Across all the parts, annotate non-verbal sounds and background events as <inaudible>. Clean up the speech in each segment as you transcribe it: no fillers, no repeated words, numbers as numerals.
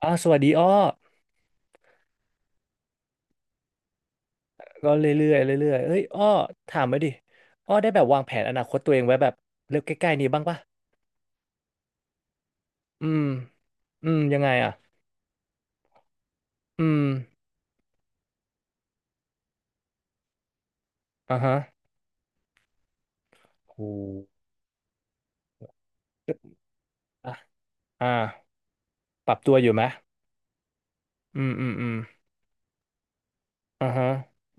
อ๋อสวัสดีอ้อก็เรื่อยๆเรื่อยๆเอ้ยอ้อถามมาดิอ้อได้แบบวางแผนอนาคตตัวเองไว้แบบเร็วใกล้ๆนี้บ้างปะอืมอืมยังไงอ่ะอืมอ่าฮะโอ้อ่ะอ่าปรับตัวอยู่ไหมอืมอืมอืมอ่าฮะ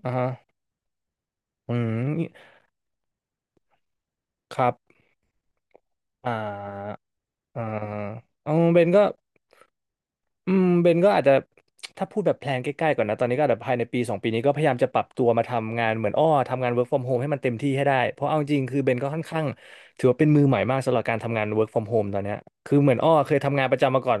อ่าฮะอืมครับอ่าอ่าเอาเบนก็ อืมเบนก็อาจจะถ้าพูดแบบแพลนใกล้ๆก่อนนะตอนนี้ก็อาจจะภายในปีสองปีนี้ก็พยายามจะปรับตัวมาทำงานเหมือนอ้อทำงาน work from home ให้มันเต็มที่ให้ได้เพราะเอาจริงคือเบนก็ค่อนข้างถือว่าเป็นมือใหม่มากสำหรับการทำงาน work from home ตอนเนี้ยคือเหมือนอ้อเคยทำงานประจำมาก่อน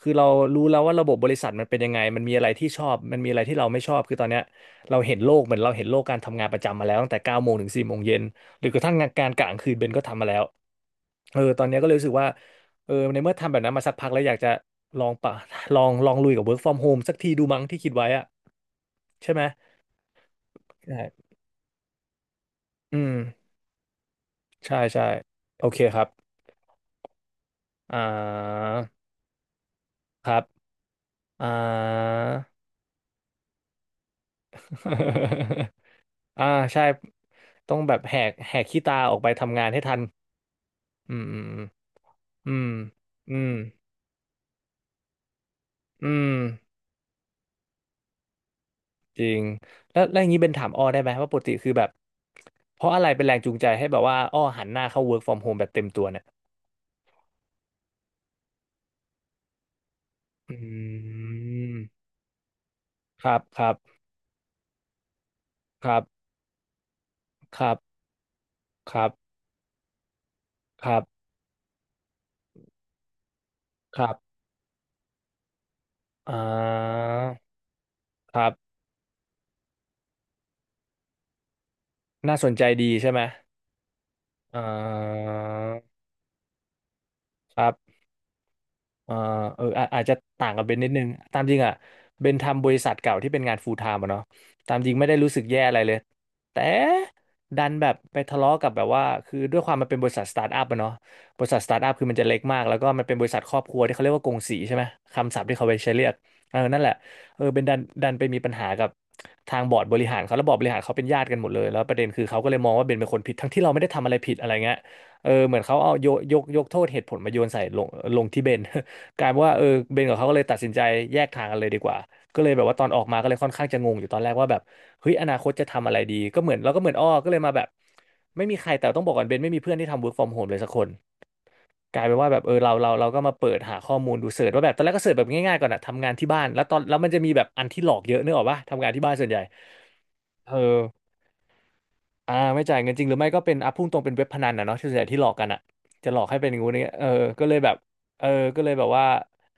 คือเรารู้แล้วว่าระบบบริษัทมันเป็นยังไงมันมีอะไรที่ชอบมันมีอะไรที่เราไม่ชอบคือตอนเนี้ยเราเห็นโลกเหมือนเราเห็นโลกการทำงานประจำมาแล้วตั้งแต่เก้าโมงถึงสี่โมงเย็นหรือกระทั่งงานการกะกลางคืนเบนก็ทำมาแล้วเออตอนเนี้ยก็เลยรู้สึกว่า เออในเมื่อทำแบบนั้นมาสักพักแล้วอยากจะลองปะ <laughs> ลองลองลุยกับ work from home สักทีดูมั้งที่คิดไว้อะใช่ไหมใช่อืมใช่ใช่โอเคครับอ่าครับอ่า <laughs> อ่าใช่ต้องแบบแหกแหกขี้ตาออกไปทำงานให้ทันอืมอืมอืมอืมจริงแล้วแล้วอย่างนี้เป็นถามอ้อได้ไหมว่าปกติคือแบบเพราะอะไรเป็นแรงจูงใจให้แบบว่าอ้อหันหน้าเข้า work from home แบบเต็มตัวเนี่ยอืม ครับครับครับครับครับครับครับอ่าครับน่าสนใจดีใช่ไหมอ่าครับ อ่าเอออาอาจจะต่างกับเบนนิดนึงตามจริงอ่ะเบนทำบริษัทเก่าที่เป็นงานฟูลไทม์อะเนาะตามจริงไม่ได้รู้สึกแย่อะไรเลยแต่ดันแบบไปทะเลาะกับแบบว่าคือด้วยความมันเป็นบริษัทสตาร์ทอัพอะเนาะบริษัทสตาร์ทอัพคือมันจะเล็กมากแล้วก็มันเป็นบริษัทครอบครัวที่เขาเรียกว่ากงสีใช่ไหมคำศัพท์ที่เขาไปใช้เรียกเออนั่นแหละเออเบนดันไปมีปัญหากับทางบอร์ดบริหารเขาแล้วบอร์ดบริหารเขาเป็นญาติกันหมดเลยแล้วประเด็นคือเขาก็เลยมองว่าเบนเป็นคนผิดทั้งที่เราไม่ได้ทำอะไรผิดอะไรเงี้ยเออเหมือนเขาเอาโยกยกโทษเหตุผลมาโยนใส่ลงที่เบน กลายเป็นว่าเออเบนกับเขาก็เลยตัดสินใจแยกทางกันเลยดีกว่าก็เลยแบบว่าตอนออกมาก็เลยค่อนข้างจะงงอยู่ตอนแรกว่าแบบเฮ้ยอนาคตจะทำอะไรดีก็เหมือนเราก็เหมือนอ้อก็เลยมาแบบไม่มีใครแต่ต้องบอกก่อนเบนไม่มีเพื่อนที่ทำ work from home เลยสักคนกลายเป็นว่าแบบเออเราก็มาเปิดหาข้อมูลดูเสิร์ชว่าแบบตอนแรกก็เสิร์ชแบบง่ายๆก่อนอะทำงานที่บ้านแล้วตอนแล้วมันจะมีแบบอันที่หลอกเยอะนึกออกปะทำงานที่บ้านส่วนใหญ่เออ อ่าไม่จ่ายเงินจริงหรือไม่ก็เป็นอ่ะพุ่งตรงเป็นเว็บพนันนะเนาะที่ส่วนใหญ่ที่หลอกกันอ่ะจะหลอกให้เป็นงูนอย่างเงี้ยเออก็เลยแบบเออก็เลยแบบว่า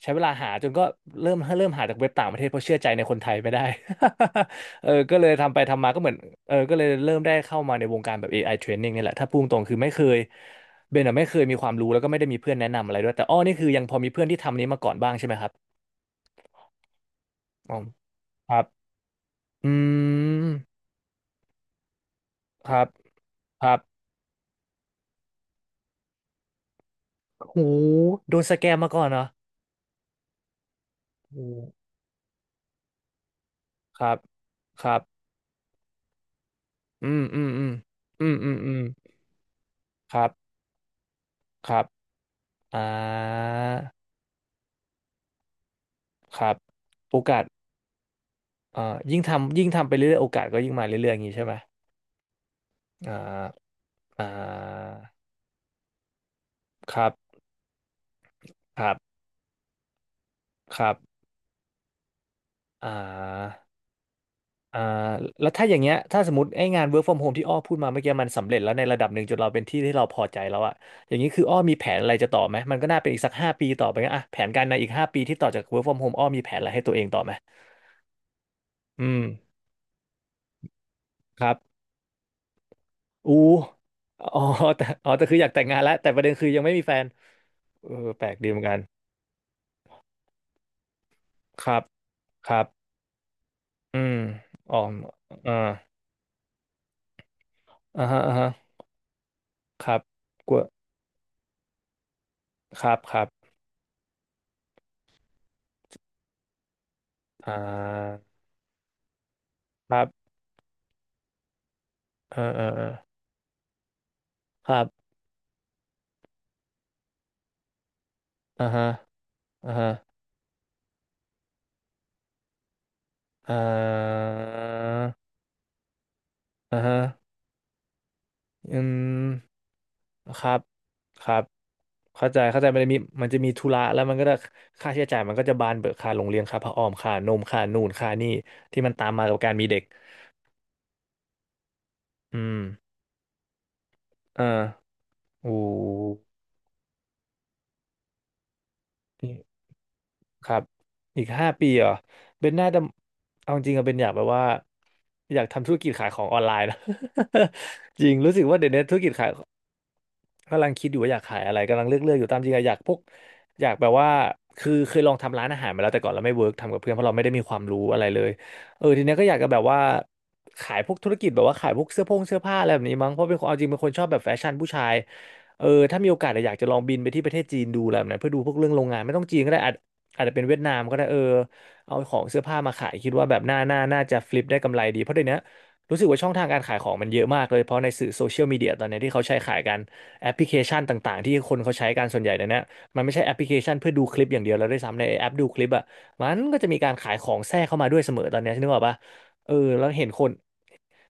ใช้เวลาหาจนก็เริ่มหาจากเว็บต่างประเทศเพราะเชื่อใจในคนไทยไม่ได้ <laughs> เออก็เลยทำไปทำมาก็เหมือนเออก็เลยเริ่มได้เข้ามาในวงการแบบ AI training นี่แหละถ้าพุ่งตรงคือไม่เคยเบนอะไม่เคยมีความรู้แล้วก็ไม่ได้มีเพื่อนแนะนำอะไรด้วยแต่อ้อนี่คือยังพอมีเพื่อนที่ทำนี้มาก่อนบ้างใช่ไหมครับอ๋อครับอืมครับครับโหโดนสแกมมาก่อนเหรอโอ้ ครับครับอืมอืมอืมอืมอืมอืมครับครับอ่าครับ โอกาสเอ่อยิ่งทำยิ่งทำไปเรื่อยๆโอกาสก็ยิ่งมาเรื่อยๆอย่างนี้ใช่ไหมอ่าอ่าครับครับครับอ่าอ่าแล้วถ้าอย่างเงี้ยถ้าสมมติไอ้งาน work from home ที่อ้อพูดมาเมื่อกี้มันสำเร็จแล้วในระดับหนึ่งจนเราเป็นที่ที่เราพอใจแล้วอะอย่างนี้คืออ้อมีแผนอะไรจะต่อไหมมันก็น่าเป็นอีกสักห้าปีต่อไปงั้นอะแผนการในอีกห้าปีที่ต่อจาก work from home อ้อมีแผนอะไรให้ตัวเองต่อไหมอืมครับ อู้อ๋อ <laughs> แต่อ๋อแต่คืออยากแต่งงานแล้วแต่ประเด็นคือยังไม่มีแฟนเออแปลกดีเหมือนกันครับครับอืมอ๋ออ่าอ่าฮะอ่าฮะครับกลัวครับครับอ่าครับเออเออเออครับอ่าฮะอ่าฮะอ่าอ่าฮะอืมครับครับเข้าใจเข้าใจมันจะมีธุระแล้วมันก็จะค่าใช้จ่ายมันก็จะบานเบิกค่าโรงเรียนค่าผ้าอ้อมค่านมค่านู่นค่านี่ที่มันตามมากับการมีเด็ก อืมอ่าโอ้นี่ครับ อีก5 ปีเหรอเบนน่าจะเอาจริงอะเบนอยากแบบว่า อยากทำธุรกิจขายของออนไลน์นะ <laughs> จริงรู้สึกว่าเดี๋ยวนี้ธุรกิจขาย กำลังคิดอยู่ว่าอยากขายอะไรกำลังเลือกอยู่ตามจริงอะอยากพวกอยากแบบว่าคือเคยลองทำร้านอาหารมาแล้วแต่ก่อนเราไม่เวิร์กทำกับเพื่อนเพราะเราไม่ได้มีความรู้อะไรเลยเออทีเนี้ยก็อยากจะแบบว่าขายพวกธุรกิจแบบว่าขายพวกเสื้อผงเสื้อผ้าอะไรแบบนี้มั้งเพราะเป็นคนเอาจริงเป็นคนชอบแบบแฟชั่นผู้ชายเออถ้ามีโอกาสอะอยากจะลองบินไปที่ประเทศจีนดูอะไรแบบนั้นเพื่อดูพวกเรื่องโรงงานไม่ต้องจีนก็ได้อาจจะเป็นเวียดนามก็ได้เออเอาของเสื้อผ้ามาขายคิดว่าแบบหน้าน่าจะฟลิปได้กำไรดีเพราะเดี๋ยวนี้รู้สึกว่าช่องทางการขายของมันเยอะมากเลยเพราะในสื่อโซเชียลมีเดียตอนนี้ที่เขาใช้ขายกัน แอปพลิเคชันต่างๆที่คนเขาใช้กันส่วนใหญ่เดี๋ยวนี้มันไม่ใช่แอปพลิเคชันเพื่อดูคลิปอย่างเดียวแล้วด้วยซ้ำในแอปดูคลิปอ่ะมันก็จะมีการขายของแทรกเข้ามาด้วยเสมอตอนเนี้ยนึกออกปะเออแล้วเห็นคน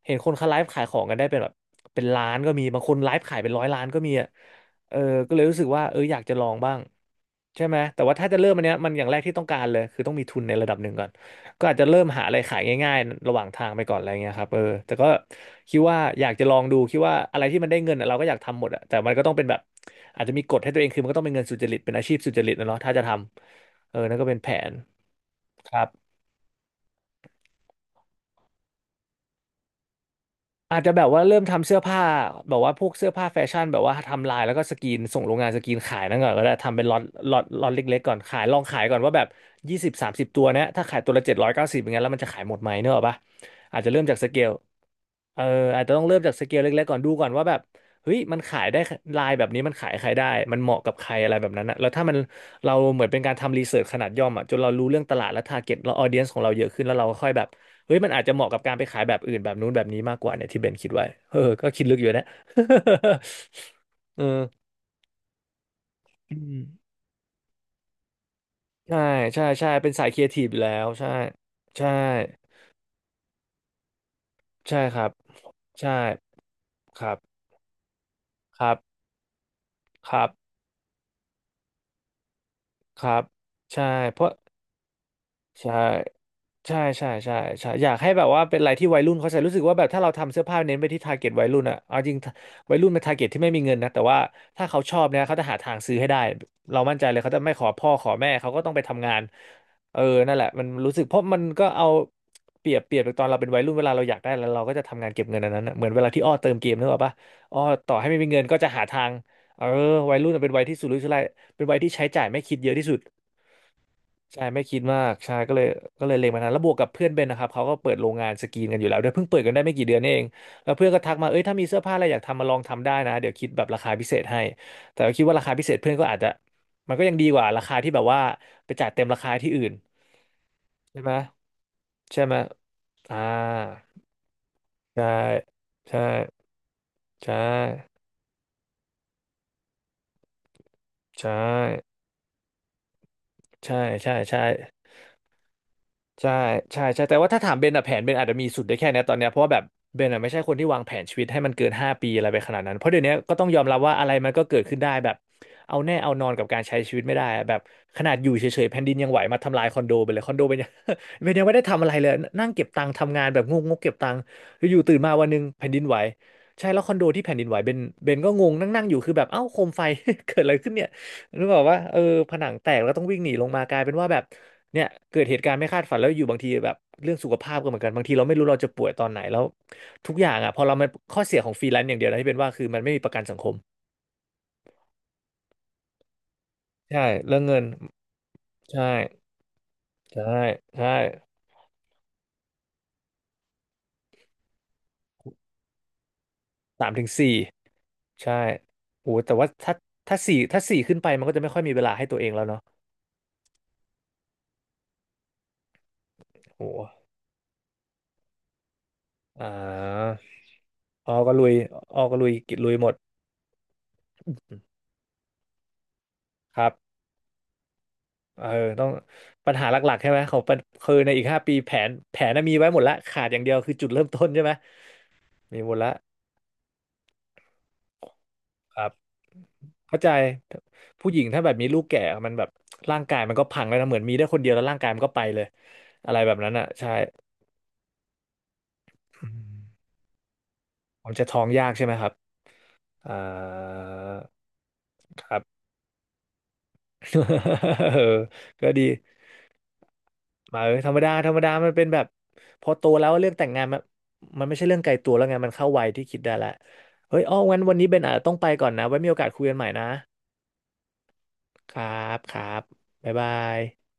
เห็นคนเขาไลฟ์ขายของกันได้เป็นแบบเป็นล้านก็มีบางคนไลฟ์ขายเป็นร้อยล้านก็มีอ่ะเออก็เลยรู้สึกว่าเอออยากจะลองบ้างใช่ไหมแต่ว่าถ้าจะเริ่มอันเนี้ยมันอย่างแรกที่ต้องการเลยคือต้องมีทุนในระดับหนึ่งก่อนก็อาจจะเริ่มหาอะไรขายง่ายๆระหว่างทางไปก่อนอะไรเงี้ยครับเออแต่ก็คิดว่าอยากจะลองดูคิดว่าอะไรที่มันได้เงินอะเราก็อยากทำหมดอะแต่มันก็ต้องเป็นแบบอาจจะมีกฎให้ตัวเองคือมันก็ต้องเป็นเงินสุจริตเป็นอาชีพสุจริตนะเนาะถ้าจะทำเออนั่นก็เป็นแผนครับ อาจจะแบบว่าเริ่มทำเสื้อผ้าแบบว่าพวกเสื้อผ้าแฟชั่นแบบว่าทำลายแล้วก็สกรีนส่งโรงงานสกรีนขายนั่นก่อนก็ได้ทำเป็นล็อตเล็กๆก่อนขายลองขายก่อนว่าแบบ20 30 ตัวเนี้ยถ้าขายตัวละ790อย่างเงี้ยแล้วมันจะขายหมดไหมเนกอะปะอาจจะเริ่มจากสเกลเอออาจจะต้องเริ่มจากสเกลเล็กๆก่อนดูก่อนว่าแบบเฮ้ยมันขายได้ลายแบบนี้มันขายใครได้มันเหมาะกับใครอะไรแบบนั้นนะแล้วถ้ามันเราเหมือนเป็นการทำรีเสิร์ชขนาดย่อมอ่ะจนเรารู้เรื่องตลาดและทาร์เก็ตและออเดียนส์ของเราเยอะขึ้นแล้วเราก็ค่อยแบบ เฮ้ยมันอาจจะเหมาะกับการไปขายแบบอื่นแบบนู้นแบบนี้มากกว่าเนี่ยที่เบนคิดไว้เออก็คิดลึกอยู่นะ <laughs> เอออืมใช่ใช่ใช่เป็นสายครีเอทีฟอยู่แล้วใช่ใช่ใช่ครับใช่ครับครับครับครับครับใช่เพราะ ใช่ใช่ใช่ใช่ใช่อยากให้แบบว่าเป็นอะไรที่วัยรุ่นเขาใส่รู้สึกว่าแบบถ้าเราทำเสื้อผ้าเน้นไปที่ทาร์เก็ตวัยรุ่นอะเอาจริงวัยรุ่นเป็นทาร์เก็ตที่ไม่มีเงินนะแต่ว่าถ้าเขาชอบเนี่ยเขาจะหาทางซื้อให้ได้เรามั่นใจเลยเขาจะไม่ขอพ่อขอแม่เขาก็ต้องไปทำงานเออนั่นแหละมันรู้สึกเพราะมันก็เอาเปรียบตอนเราเป็นวัยรุ่นเวลาเราอยากได้แล้วเราก็จะทำงานเก็บเงินอันนั้นนะเหมือนเวลาที่อ้อเติมเกมนึกออกปะอ้อต่อให้ไม่มีเงินก็จะหาทางเออวัยรุ่นเป็นวัยที่สุรุ่ยสุร่ายเป็นวัยที่ใช้จ่ายไม่คิดเยอะที่สุด ใช่ไม่คิดมากใช่ก็เลยเล็งมาทานแล้วบวกกับเพื่อนเบนนะครับเขาก็เปิดโรงงานสกรีนกันอยู่แล้วด้วยเพิ่งเปิดกันได้ไม่กี่เดือนนี่เองแล้วเพื่อนก็ทักมาเอ้ยถ้ามีเสื้อผ้าอะไรอยากทำมาลองทำได้นะเดี๋ยวคิดแบบราคาพิเศษให้แต่ก็คิดว่าราคาพิเศษเพื่อนก็อาจจะมันก็ยังดีกว่าราคาที่แบบว่าไปจ่ายเต็มราคาที่อื่นใช่ไหมใช่ไหมอ่าใช่ใช่ใช่ใช่ใช่ใช่ใช่ ใช่ใช่ใช่แต่ว่าถ้าถามเบนอะแผนเบนอาจจะมีสุดได้แค่เนี้ยตอนเนี้ยเพราะว่าแบบเบนอะไม่ใช่คนที่วางแผนชีวิตให้มันเกินห้าปีอะไรไปขนาดนั้นเพราะเดี๋ยวนี้ก็ต้องยอมรับว่าอะไรมันก็เกิดขึ้นได้แบบเอาแน่เอานอนกับการใช้ชีวิตไม่ได้อะแบบขนาดอยู่เฉยๆแผ่นดินยังไหวมาทำลายคอนโดไปเลยคอนโดเบนยัง <laughs> เป็นยังไม่ได้ทำอะไรเลยนั่งเก็บตังค์ทำงานแบบงงกๆเก็บตังค์อยู่ๆตื่นมาวันหนึงแผ่นดินไหวใช่แล้วคอนโดที่แผ่นดินไหวเบนเบนก็งงนั่งๆอยู่คือแบบเอ้าโคมไฟ <laughs> เกิดอะไรขึ้นเนี่ยนึกออกว่าเออผนังแตกแล้วต้องวิ่งหนีลงมากลายเป็นว่าแบบ เนี่ยเกิดเหตุการณ์ไม่คาดฝันแล้วอยู่บางทีแบบเรื่องสุขภาพก็เหมือนกันบางทีเราไม่รู้เราจะป่วยตอนไหนแล้วทุกอย่างอ่ะพอเรามันข้อเสียของฟรีแลนซ์อย่างเดียวนะที่เป็นว่าคือมันไม่มีประกันสังคมใช่เรื่องเงินใช่ใช่ใช่3-4ใช่โหแต่ว่าถ้าถ้าสี่ขึ้นไปมันก็จะไม่ค่อยมีเวลาให้ตัวเองแล้วเนาะโหอ่าออก็ลุยออก็ลุยกิจลุยหมดครับเออต้องปัญหาหลักๆใช่ไหมของปัญคือในอีกห้าปีแผนน่ะมีไว้หมดละขาดอย่างเดียวคือจุดเริ่มต้นใช่ไหมมีหมดละ ครับเข้าใจผู้หญิงถ้าแบบมีลูกแก่มันแบบร่างกายมันก็พังแล้วนะเหมือนมีได้คนเดียวแล้วร่างกายมันก็ไปเลยอะไรแบบนั้นอ่ะใช่ผมจะท้องยากใช่ไหมครับอ่าครับ <laughs> เออก็ดีมาเออธรรมดามันเป็นแบบพอโตแล้วเรื่องแต่งงานมันมันไม่ใช่เรื่องไกลตัวแล้วไงมันเข้าวัยที่คิดได้แล้วเฮ้ยอ้องั้นวันนี้เบนอาจจะต้องไปก่อนนะไว้มีโอกาสคุยกันใหม่นะครับครับบ๊ายบาย